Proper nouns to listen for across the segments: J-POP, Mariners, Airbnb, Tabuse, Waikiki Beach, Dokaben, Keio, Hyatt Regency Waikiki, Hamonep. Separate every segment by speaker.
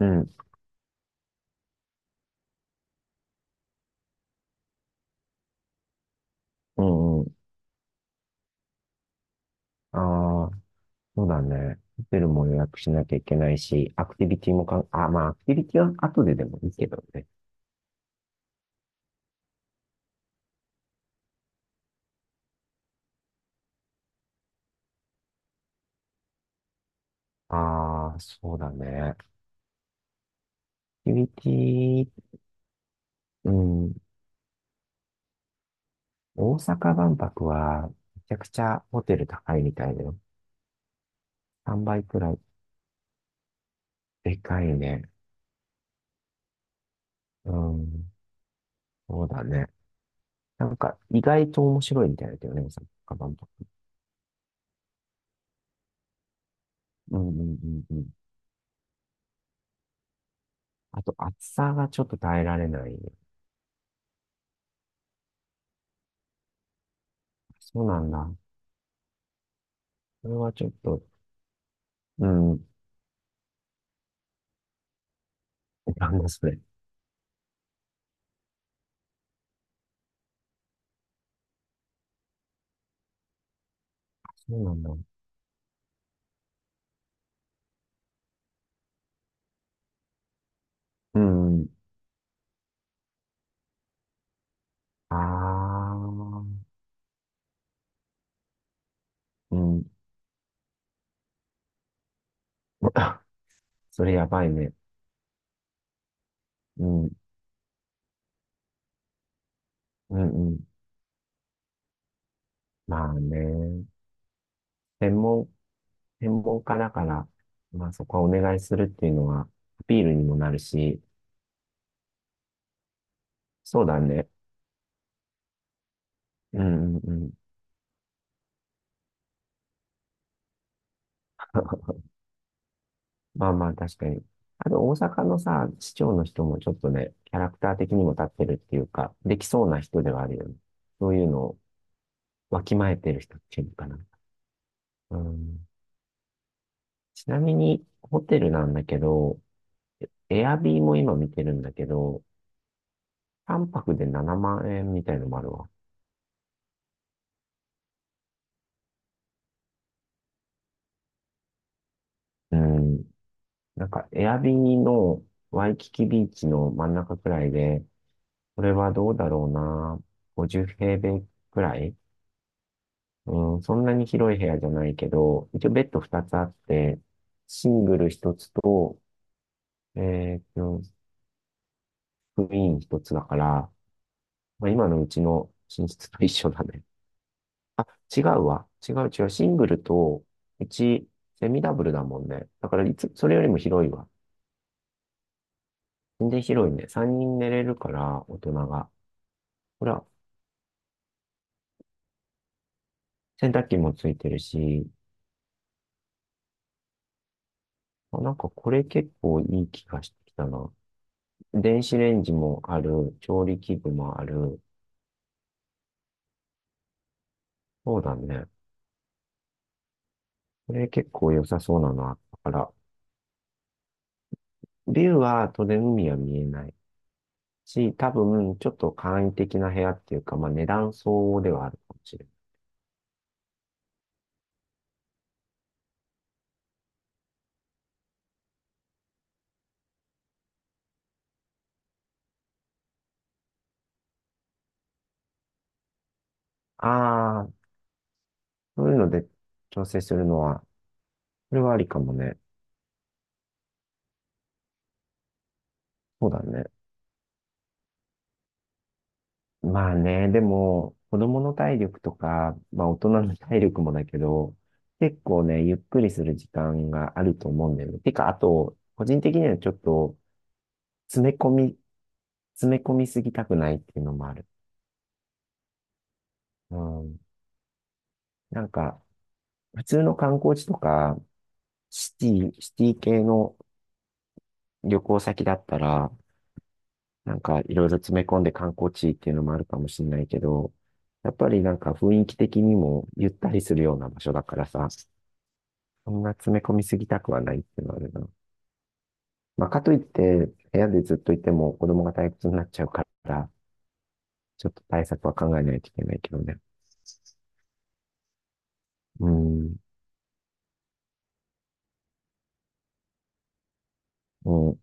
Speaker 1: うん、うんうん。ああ、そうだね。ホテルも予約しなきゃいけないし、アクティビティもあ、まあ、アクティビティは後ででもいいけどね。ああ、そうだね。アクティビティ、うん。大阪万博は、めちゃくちゃホテル高いみたいだよ。3倍くらい。でかいね。うん。そうだね。なんか、意外と面白いみたいだけどね、大阪万博。うんうんうんうん。あと、暑さがちょっと耐えられない。そうなんだ。それはちょっと、うん。なんだそれ。そうなんだ。うん、ああ、うん、それやばいね。うん、うんうん。まあね。専門、専門家だから、まあそこはお願いするっていうのは、アピールにもなるし、そうだね。うん、うん、うん。まあまあ確かに。あと大阪のさ、市長の人もちょっとね、キャラクター的にも立ってるっていうか、できそうな人ではあるよね。そういうのをわきまえてる人っていうのかな。うん。ちなみに、ホテルなんだけど、エアビーも今見てるんだけど、3泊で7万円みたいのもあるわ。うん。なんか、エアビーのワイキキビーチの真ん中くらいで、これはどうだろうな。50平米くらい、うん、そんなに広い部屋じゃないけど、一応ベッド2つあって、シングル1つと、えーと、クイーン1つだから、まあ、今のうちの寝室と一緒だね。あ、違うわ。違う違う。シングルと、うち、セミダブルだもんね。だから、いつ、それよりも広いわ。全然広いね。3人寝れるから、大人が。ほら、洗濯機もついてるし、あ、なんかこれ結構いい気がしてきたな。電子レンジもある、調理器具もある。そうだね。これ結構良さそうだな。だから、ビューは当然海は見えないし、多分、ちょっと簡易的な部屋っていうか、まあ、値段相応ではあるかもしれない。あ、そういうので調整するのは、それはありかもね。そうだね。まあね、でも、子供の体力とか、まあ大人の体力もだけど、結構ね、ゆっくりする時間があると思うんだよね。てか、あと、個人的にはちょっと、詰め込み、詰め込みすぎたくないっていうのもある。うん。なんか、普通の観光地とか、シテシティ系の旅行先だったら、なんかいろいろ詰め込んで観光地っていうのもあるかもしれないけど、やっぱりなんか雰囲気的にもゆったりするような場所だからさ、そんな詰め込みすぎたくはないっていうのはあるな。まあ、かといって、部屋でずっといても子供が退屈になっちゃうから、ちょっと対策は考えないといけないけどね。うん。うん。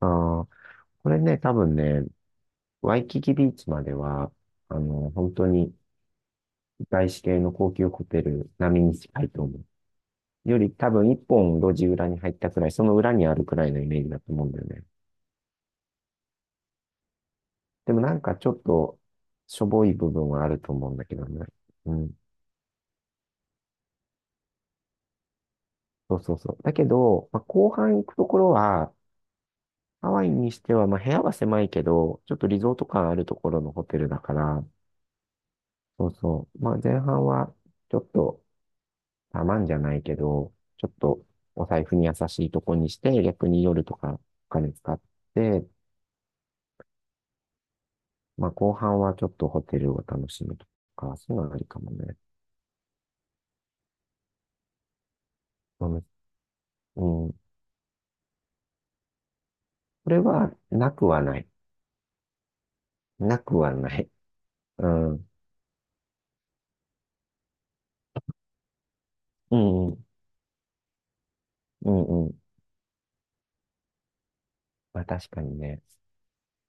Speaker 1: ああ、これね、多分ね、ワイキキビーチまでは、本当に外資系の高級ホテル並みに近いと思う。より多分一本路地裏に入ったくらい、その裏にあるくらいのイメージだと思うんだよね。でもなんかちょっとしょぼい部分はあると思うんだけどね。うん。そうそうそう。だけど、まあ、後半行くところは、ハワイにしては、まあ、部屋は狭いけど、ちょっとリゾート感あるところのホテルだから、そうそう。まあ、前半は、ちょっと、たまんじゃないけど、ちょっと、お財布に優しいとこにして、逆に夜とかお金使って、まあ、後半はちょっとホテルを楽しむとか、そういうのはありかもね。うん。うん、これは、なくはない。なくはない。うん。うん、うん。うんうん。まあ、確かにね。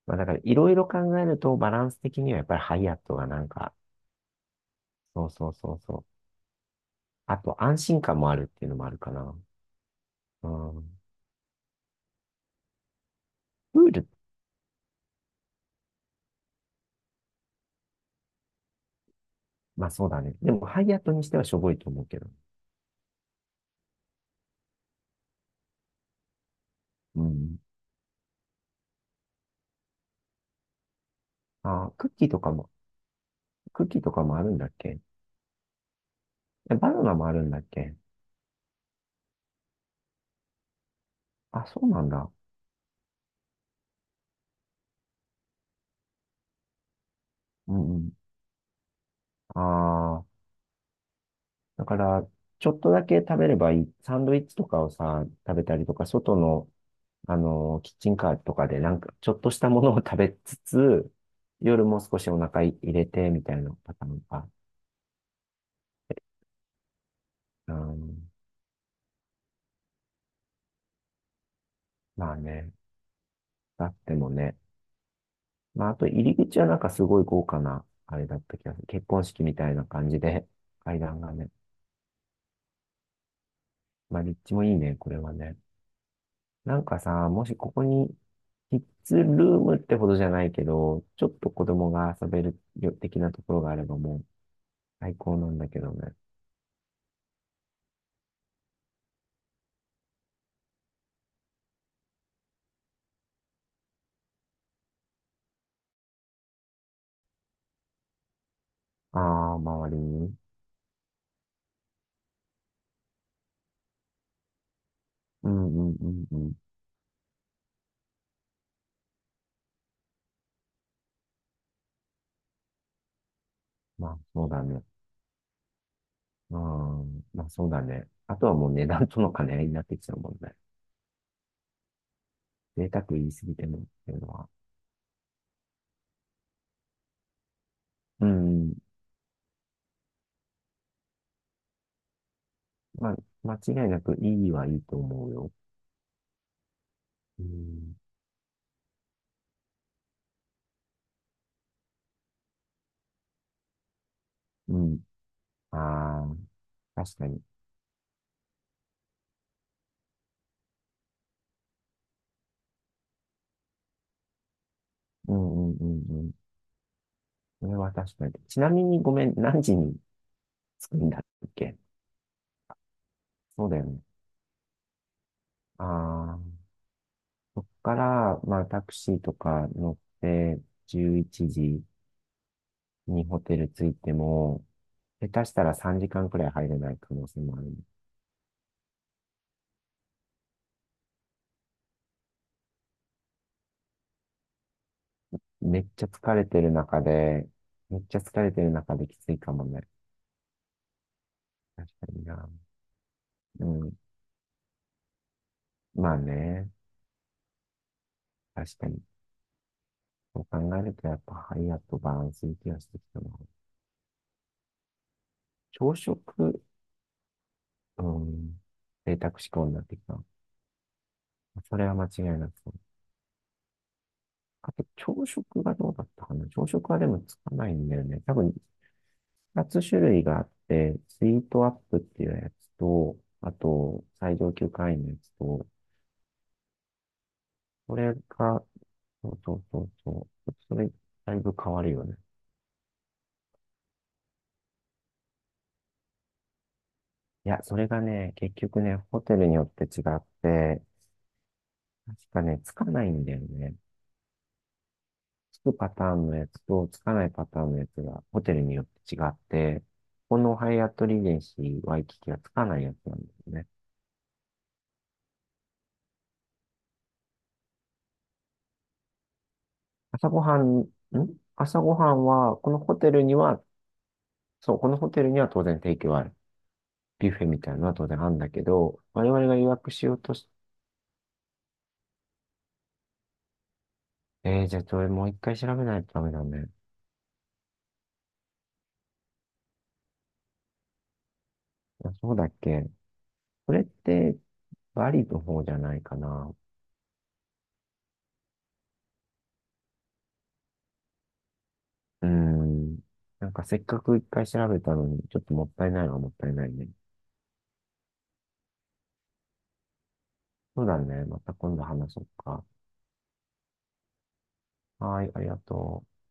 Speaker 1: まあ、だから、いろいろ考えると、バランス的にはやっぱりハイアットがなんか、そうそうそうそう。あと、安心感もあるっていうのもあるかな。うん。プール、まあそうだね。でも、ハイアットにしてはしょぼいと思うけど。うん。あー、クッキーとかも、クッキーとかもあるんだっけ？えバナナもあるんだっけ？あ、そうなんだ。うんうん。ああ、だから、ちょっとだけ食べればいい。サンドイッチとかをさ、食べたりとか、外の、キッチンカーとかで、なんか、ちょっとしたものを食べつつ、夜も少しお腹い入れて、みたいなパターンか。うん、まあね、だってもね。まあ、あと、入り口はなんかすごい豪華な、あれだった気がする。結婚式みたいな感じで、階段がね。まあ、立地もいいね、これはね。なんかさ、もしここに、キッズルームってほどじゃないけど、ちょっと子供が遊べるよ的なところがあればもう最高なんだけどね。ああ、周りに。うんうんうんうん。まあ、そうだね。うん、まあそうだね。あとはもう値段との兼ね合いになってきちゃうもんね。贅沢言いすぎてもっていうのは。うん。まあ、間違いなくいいはいいと思うよ。うん。うん。ああ、確かに。うんうんうんうん。それは確かに。ちなみにごめん、何時に着くんだっけ？そうだよね。ああ、そっから、まあタクシーとか乗って11時にホテル着いても、下手したら3時間くらい入れない可能性もある。めっちゃ疲れてる中で、めっちゃ疲れてる中できついかもね。確かにな。うん。まあね。確かに。そう考えるとやっぱハイアットバランスいい気がしてきたな。朝食、うん。贅沢志向になってきた。それは間違いなくそう。あと、朝食がどうだったかな、朝食はでもつかないんだよね。多分、二つ種類があって、スイートアップっていうやつと、あと、最上級会員のやつと、これが、そうそうそうそう。それ、だいぶ変わるよね。いや、それがね、結局ね、ホテルによって違って、確かね、つかないんだよね。つくパターンのやつと、つかないパターンのやつが、ホテルによって違って、このハイアットリージェンシーワイキキはつかないやつなんですね。朝ごはん、ん朝ごはんは、このホテルには、そう、このホテルには当然提供ある。ビュッフェみたいなのは当然あるんだけど、我々が予約しようとし、えー、じゃあそれもう一回調べないとダメだね。あ、そうだっけ？それって、バリの方じゃないかな。うーん。なんかせっかく一回調べたのに、ちょっともったいないのはもったいないね。そうだね。また今度話そうか。はい、ありがとう。